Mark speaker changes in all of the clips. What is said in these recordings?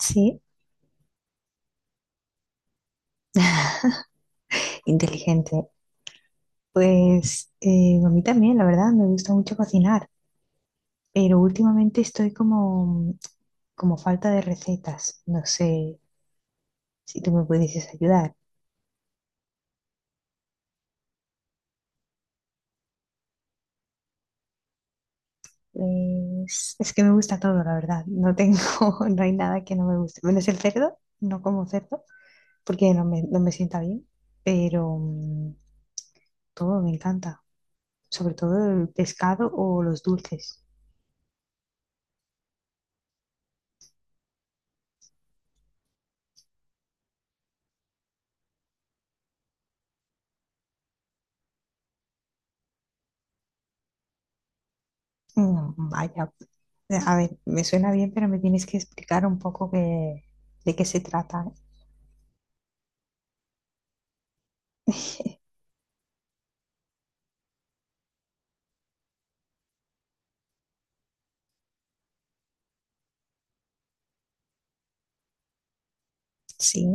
Speaker 1: Sí, inteligente. Pues a mí también, la verdad, me gusta mucho cocinar, pero últimamente estoy como falta de recetas. No sé si tú me pudieses ayudar. Es que me gusta todo, la verdad. No tengo, no hay nada que no me guste. Menos el cerdo, no como cerdo, porque no me sienta bien, pero todo me encanta, sobre todo el pescado o los dulces. No, vaya, a ver, me suena bien, pero me tienes que explicar un poco de qué se trata. Sí.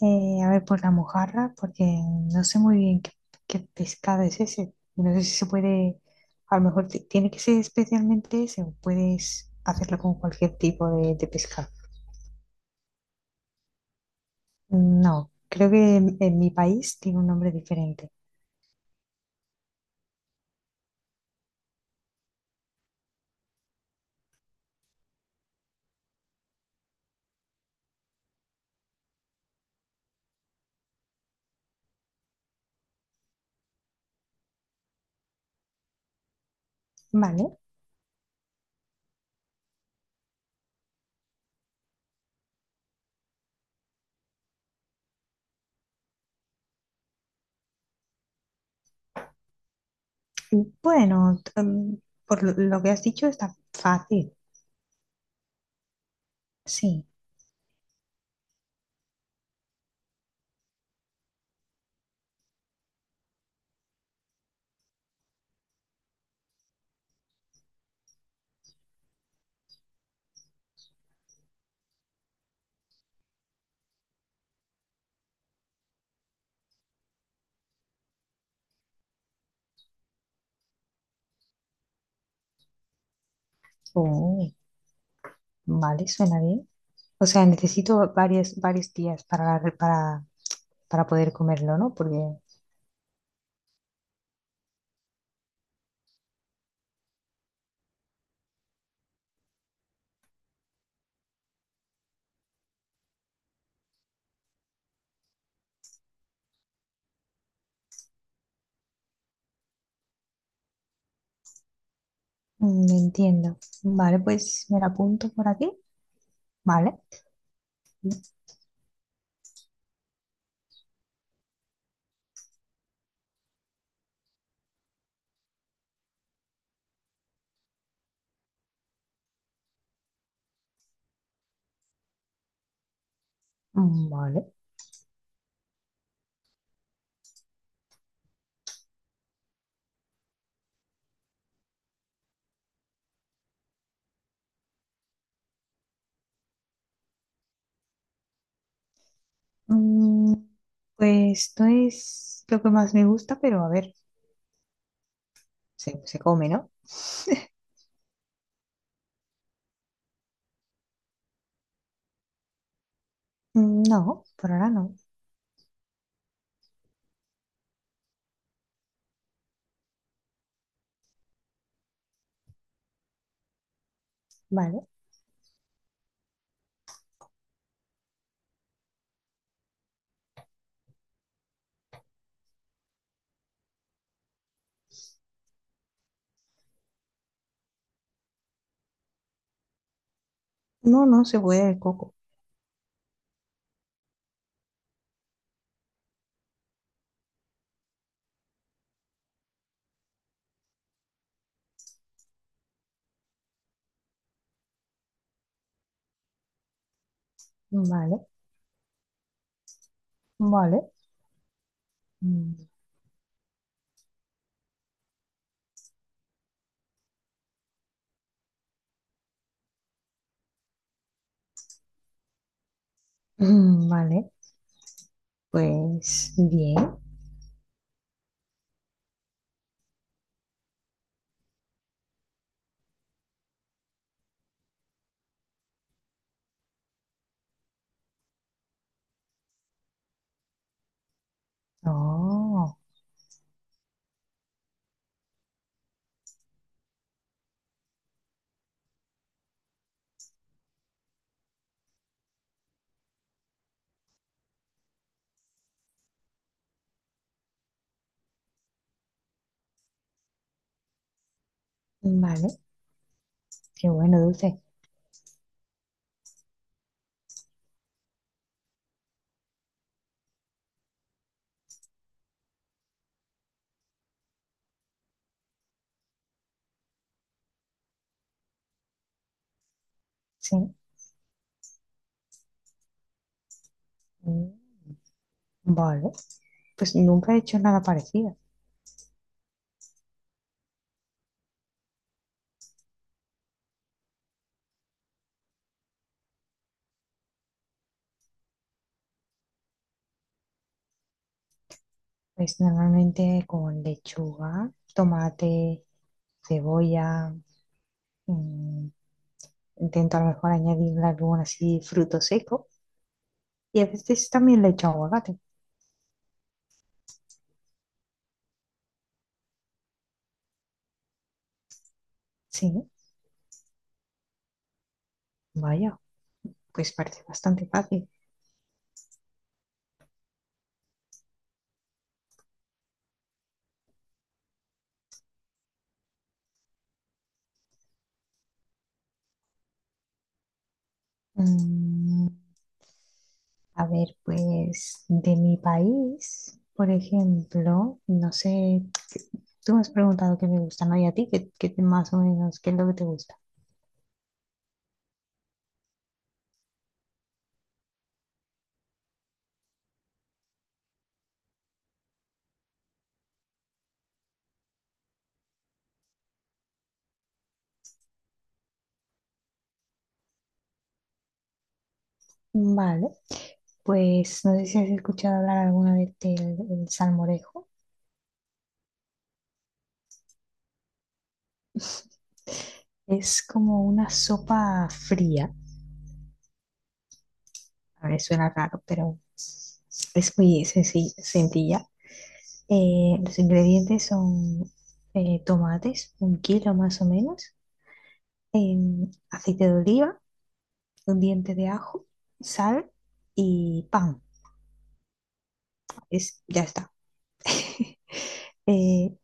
Speaker 1: A ver, por la mojarra, porque no sé muy bien qué pescado es ese. No sé si se puede, a lo mejor tiene que ser especialmente ese, o puedes hacerlo con cualquier tipo de pescado. No, creo que en mi país tiene un nombre diferente. Vale, bueno, por lo que has dicho está fácil, sí. Oh. Vale, suena bien. O sea, necesito varios días para para, poder comerlo, ¿no? Porque entiendo. Vale, pues me la apunto por aquí. Vale, vale. Mm, pues esto es lo que más me gusta, pero a ver, se come, ¿no? No, por ahora no. Vale. No, no se puede el coco. Vale, vale. Mm, vale, pues bien. Oh, vale. Qué bueno, dulce. Sí. Mm. Vale, pues nunca he hecho nada parecido. Pues normalmente con lechuga, tomate, cebolla, mm, intento a lo mejor añadirle algún así fruto seco y a veces también le echo aguacate. Sí, vaya, pues parece bastante fácil. Mm, a ver, pues de mi país, por ejemplo, no sé, tú me has preguntado qué me gusta, ¿no? Y a ti, ¿qué más o menos, qué es lo que te gusta? Vale. Pues no sé si has escuchado hablar alguna vez del el salmorejo. Es como una sopa fría. A ver, suena raro, pero es muy sencilla. Los ingredientes son tomates, un kilo más o menos, aceite de oliva, un diente de ajo, sal y pan. Es, ya está. Eh,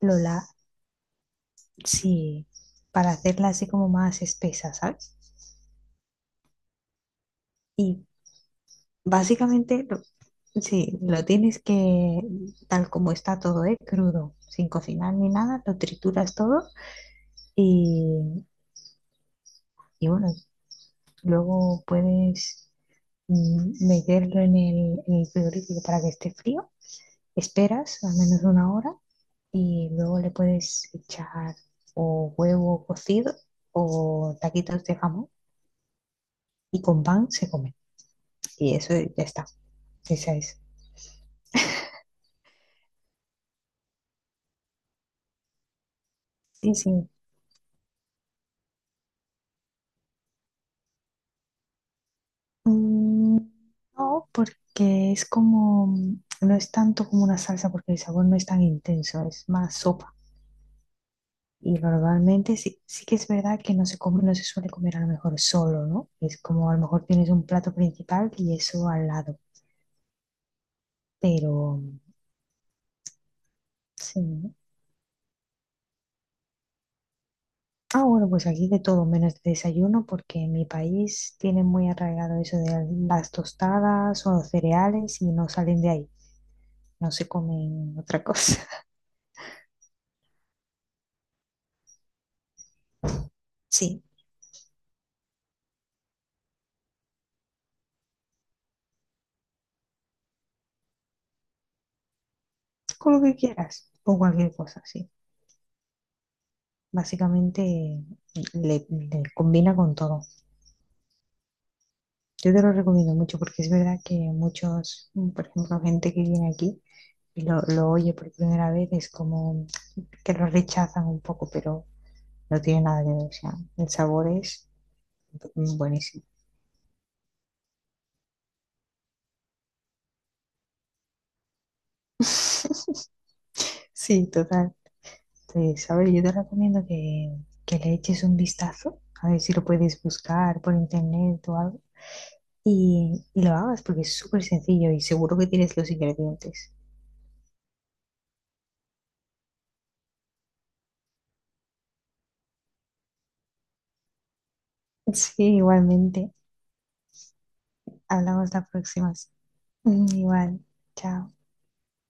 Speaker 1: Lola, sí, para hacerla así como más espesa, ¿sabes? Y Básicamente, sí, lo tienes que, tal como está todo, ¿eh? Crudo, sin cocinar ni nada, lo trituras todo y, y bueno, luego puedes meterlo en en el frigorífico para que esté frío. Esperas al menos una hora y luego le puedes echar o huevo cocido o taquitos de jamón y con pan se come. Y eso ya está. Esa es. Sí, sí. Mm, No, porque es como, no es tanto como una salsa porque el sabor no es tan intenso, es más sopa. Y normalmente sí, sí que es verdad que no se come, no se suele comer a lo mejor solo, ¿no? Es como a lo mejor tienes un plato principal y eso al lado. Pero sí. ¿No? Ah, bueno, pues aquí de todo menos de desayuno porque en mi país tienen muy arraigado eso de las tostadas o los cereales y no salen de ahí, no se comen otra cosa. Sí. Con lo que quieras o cualquier cosa, sí. Básicamente le combina con todo. Yo te lo recomiendo mucho porque es verdad que muchos, por ejemplo, gente que viene aquí y lo oye por primera vez es como que lo rechazan un poco, pero no tiene nada que ver. O sea, el sabor es buenísimo. Sí, total. Entonces, a ver, yo te recomiendo que le eches un vistazo, a ver si lo puedes buscar por internet o algo y lo hagas porque es súper sencillo y seguro que tienes los ingredientes. Sí, igualmente. Hablamos la próxima. Igual. Chao.